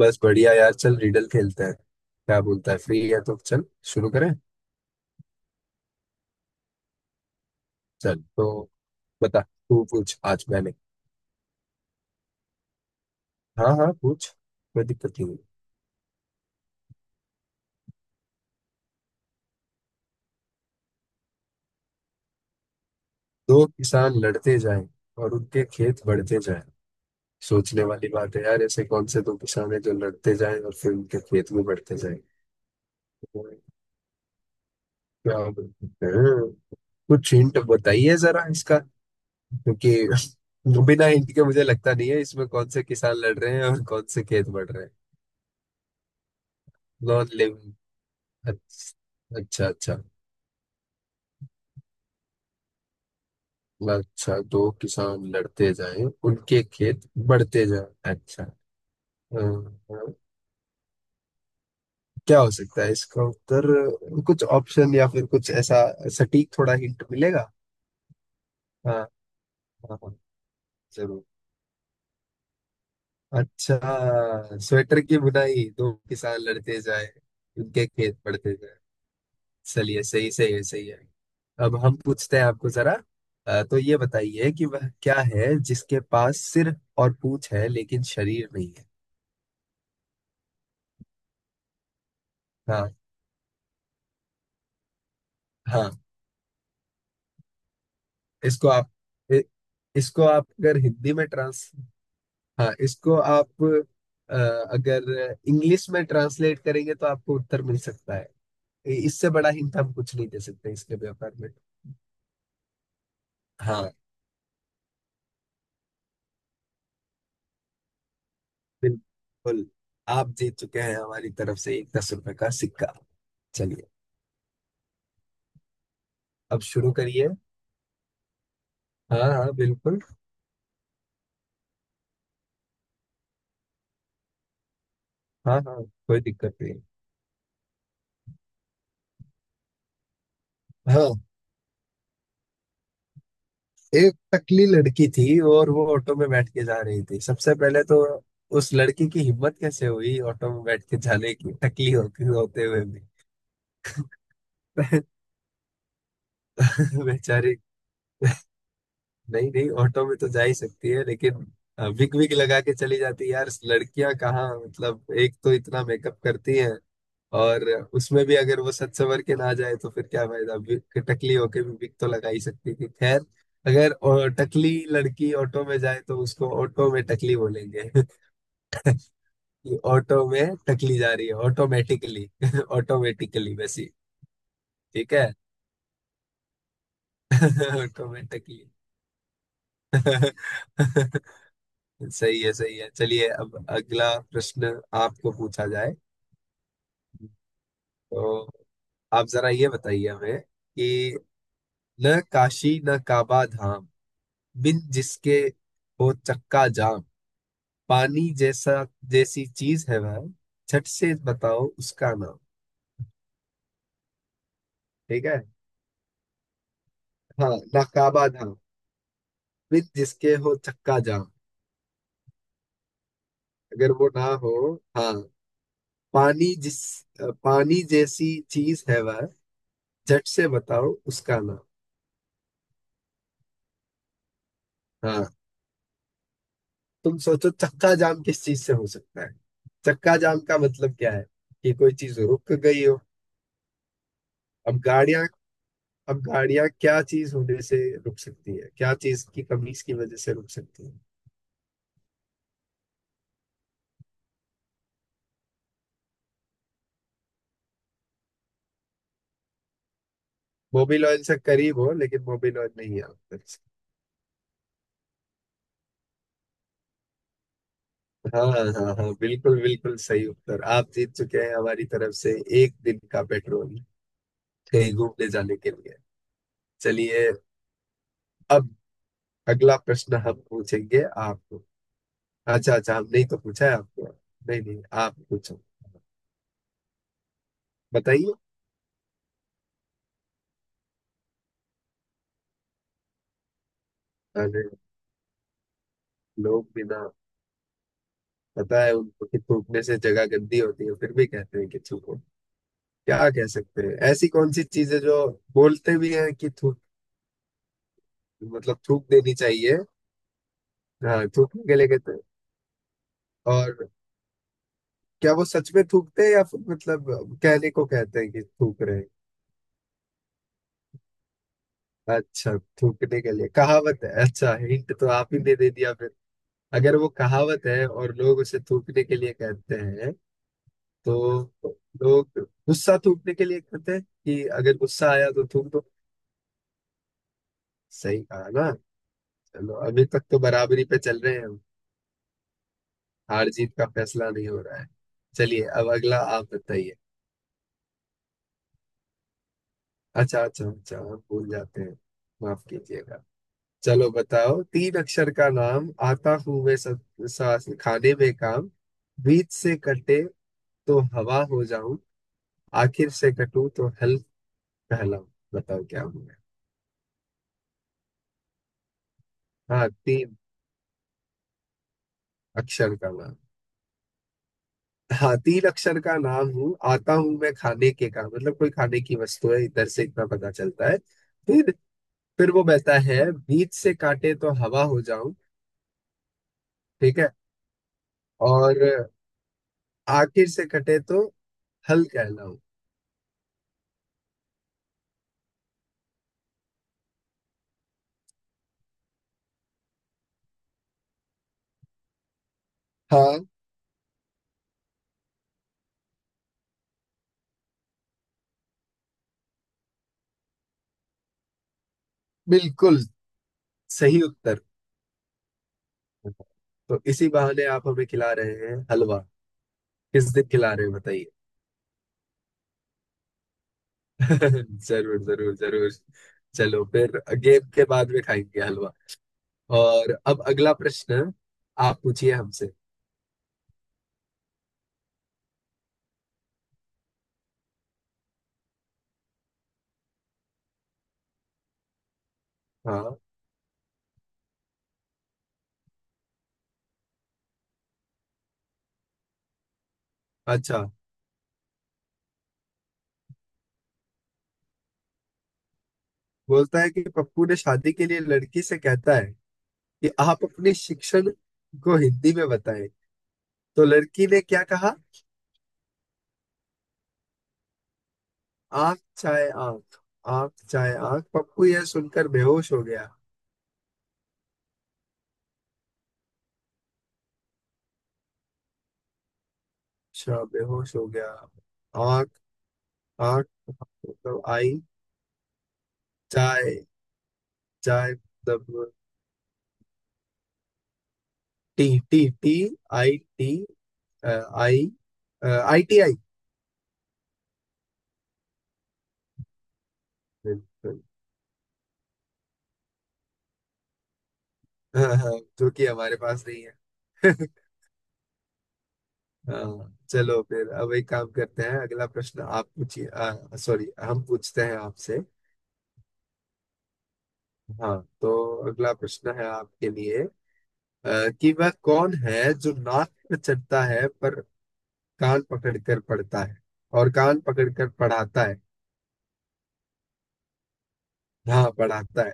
बस बढ़िया यार। चल रिडल खेलते हैं, क्या बोलता है? फ्री है तो चल शुरू करें। चल तो बता, तू पूछ आज। मैंने? हाँ हाँ, पूछ, कोई दिक्कत नहीं है। दो किसान लड़ते जाएं और उनके खेत बढ़ते जाएं। सोचने वाली बात है यार, ऐसे कौन से दो किसान हैं जो लड़ते जाएं और फिर उनके खेत भी बढ़ते जाएं? क्या बोल सकते हैं? कुछ हिंट बताइए जरा इसका, क्योंकि बिना हिंट के मुझे लगता नहीं है इसमें कौन से किसान लड़ रहे हैं और कौन से खेत बढ़ रहे हैं। Non living. अच्छा अच्छा अच्छा। अच्छा, दो किसान लड़ते जाएं उनके खेत बढ़ते जाएं, अच्छा। हाँ, हाँ। क्या हो सकता है इसका उत्तर? कुछ ऑप्शन या फिर कुछ ऐसा सटीक थोड़ा हिंट मिलेगा। हाँ, हाँ हाँ, जरूर। अच्छा, स्वेटर की बुनाई। दो किसान लड़ते जाएं, उनके खेत बढ़ते जाएं। चलिए, सही सही है। सही है। अब हम पूछते हैं आपको जरा। तो ये बताइए कि वह क्या है जिसके पास सिर और पूंछ है लेकिन शरीर नहीं। हाँ। हाँ, इसको आप इ, इसको आप अगर हिंदी में ट्रांस हाँ, इसको आप अगर इंग्लिश में ट्रांसलेट करेंगे तो आपको उत्तर मिल सकता है। इससे बड़ा हिंट हम कुछ नहीं दे सकते इसके व्यापार में। हाँ, बिल्कुल। आप जीत चुके हैं हमारी तरफ से एक 10 रुपए का सिक्का। चलिए, अब शुरू करिए। हाँ हाँ, बिल्कुल। हाँ हाँ, कोई दिक्कत नहीं। हाँ, एक टकली लड़की थी और वो ऑटो में बैठ के जा रही थी। सबसे पहले तो उस लड़की की हिम्मत कैसे हुई ऑटो में बैठ के जाने की, टकली हो, होते हुए भी। बेचारी। नहीं नहीं, ऑटो में तो जा ही सकती है लेकिन विग, विग लगा के चली जाती। यार लड़कियां कहाँ, मतलब एक तो इतना मेकअप करती हैं, और उसमें भी अगर वो सच संवर के ना जाए तो फिर क्या फायदा। विग, टकली होके भी विग तो लगा ही सकती थी, खैर। अगर टकली लड़की ऑटो में जाए तो उसको ऑटो में टकली बोलेंगे, कि ऑटो में टकली जा रही है, ऑटोमेटिकली। ऑटोमेटिकली वैसी। ठीक है। ऑटोमेटिकली। सही है, सही है। चलिए, अब अगला प्रश्न आपको पूछा जाए तो आप जरा ये बताइए हमें कि न काशी न काबा धाम, बिन जिसके हो चक्का जाम, पानी जैसा जैसी चीज है वह, झट से बताओ उसका नाम। ठीक है। हाँ। न काबा धाम, बिन जिसके हो चक्का जाम, अगर वो ना हो। हाँ। पानी जिस पानी जैसी चीज है वह, झट से बताओ उसका नाम। हाँ। तुम सोचो चक्का जाम किस चीज से हो सकता है। चक्का जाम का मतलब क्या है? कि कोई चीज रुक गई हो। अब गाड़ियां, अब गाड़ियां क्या चीज होने से रुक सकती है, क्या चीज की कमी की वजह से रुक सकती है? मोबिल ऑयल से करीब हो लेकिन मोबिल ऑयल नहीं है उत्तर से। हाँ हाँ हाँ, बिल्कुल बिल्कुल सही उत्तर। आप जीत चुके हैं हमारी तरफ से एक दिन का पेट्रोल, कहीं घूमने जाने के लिए। चलिए, अब अगला प्रश्न हम पूछेंगे आपको। अच्छा अच्छा, हम नहीं तो पूछा है आपको। नहीं नहीं, आप पूछो, बताइए। अरे, लोग बिना पता है उनको कि थूकने से जगह गंदी होती है फिर भी कहते हैं कि थूको। क्या कह सकते हैं, ऐसी कौन सी चीजें जो बोलते भी हैं कि थूक, मतलब थूक देनी चाहिए। हाँ, थूकने के लिए कहते हैं, और क्या वो सच में थूकते हैं या फिर मतलब कहने को कहते हैं कि थूक रहे हैं। अच्छा, थूकने के लिए कहावत है, अच्छा, हिंट तो आप ही ने दे दिया फिर। अगर वो कहावत है और लोग उसे थूकने के लिए कहते हैं, तो लोग गुस्सा थूकने के लिए कहते हैं कि अगर गुस्सा आया तो थूक दो। सही कहा ना। चलो अभी तक तो बराबरी पे चल रहे हैं हम, हार जीत का फैसला नहीं हो रहा है। चलिए, अब अगला आप बताइए। अच्छा अच्छा अच्छा, हम भूल जाते हैं, माफ कीजिएगा। चलो बताओ, तीन अक्षर का नाम, आता हूं मैं सब सांस खाने में काम, बीच से कटे तो हवा हो जाऊं, आखिर से कटूं तो हल कहलाऊं, बताओ क्या हूं मैं। हाँ, तीन अक्षर का नाम। हाँ, तीन अक्षर का नाम हूँ, आता हूँ मैं खाने के काम, मतलब कोई खाने की वस्तु है, इधर से इतना पता चलता है। फिर, वो बहता है, बीच से काटे तो हवा हो जाऊं। ठीक है। और आखिर से कटे तो हल कहलाऊं। हाँ, बिल्कुल सही उत्तर। तो इसी बहाने आप हमें खिला रहे हैं हलवा। किस दिन खिला रहे हैं बताइए। जरूर जरूर जरूर। चलो फिर, गेम के बाद में खाएंगे हलवा। और अब अगला प्रश्न आप पूछिए हमसे। हाँ। अच्छा, बोलता है कि पप्पू ने शादी के लिए लड़की से कहता है कि आप अपने शिक्षण को हिंदी में बताएं, तो लड़की ने क्या कहा? आंख चाहे आंख। आंख चाहे आंख, पप्पू यह सुनकर बेहोश हो गया। अच्छा, बेहोश हो गया। आंख, आठ मतलब आई। चाय, चाय मतलब tea. Tea T. IT। A, I. ITI। बिल्कुल। हाँ हाँ, जो कि हमारे पास नहीं है। हाँ, चलो फिर अब एक काम करते हैं, अगला प्रश्न आप पूछिए, सॉरी, हम पूछते हैं आपसे। हाँ, तो अगला प्रश्न है आपके लिए। कि वह कौन है जो नाक पर चढ़ता है पर कान पकड़ कर पढ़ता है और कान पकड़ कर पढ़ाता है। हाँ, पढ़ाता है,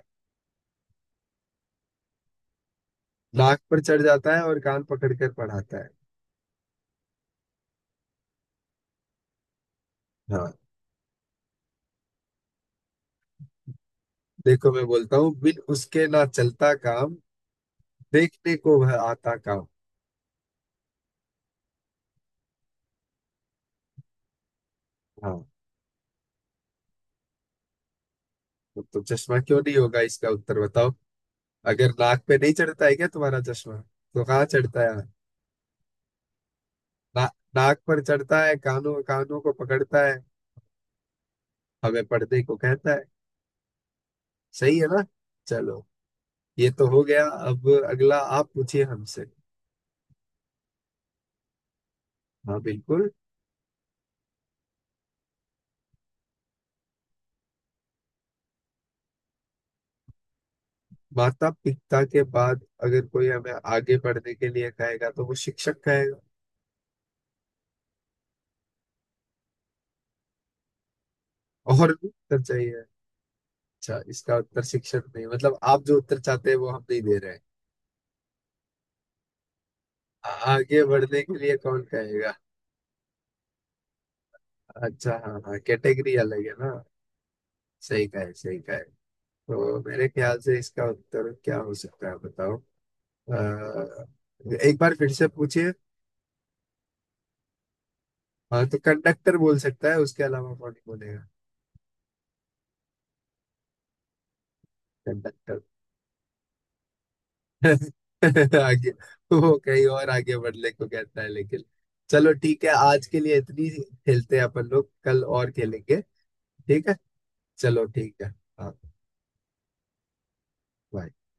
नाक पर चढ़ जाता है और कान पकड़ कर पढ़ाता है। हाँ, देखो मैं बोलता हूँ बिन उसके ना चलता काम, देखने को वह आता काम। हाँ। तो चश्मा क्यों नहीं होगा इसका उत्तर बताओ। अगर नाक पे नहीं चढ़ता है क्या तुम्हारा चश्मा तो कहाँ चढ़ता है। ना, नाक पर चढ़ता है, कानों कानों को पकड़ता है, हमें पढ़ने को कहता है। सही है ना। चलो, ये तो हो गया। अब अगला आप पूछिए हमसे। हाँ बिल्कुल। माता पिता के बाद अगर कोई हमें आगे बढ़ने के लिए कहेगा तो वो शिक्षक कहेगा। और भी उत्तर चाहिए। अच्छा, इसका उत्तर शिक्षक नहीं, मतलब आप जो उत्तर चाहते हैं वो हम नहीं दे रहे हैं। आगे बढ़ने के लिए कौन कहेगा। अच्छा हाँ हाँ, कैटेगरी अलग है ना। सही कहे, सही कहे। तो मेरे ख्याल से इसका उत्तर क्या हो सकता है बताओ। अ, एक बार फिर से पूछिए। हाँ, तो कंडक्टर बोल सकता है, उसके अलावा कौन नहीं बोलेगा? कंडक्टर। आगे। वो कहीं और आगे बढ़ने को कहता है लेकिन, चलो ठीक है, आज के लिए इतनी ही खेलते हैं अपन लोग, कल और खेलेंगे। ठीक है। चलो ठीक है। हाँ। bye।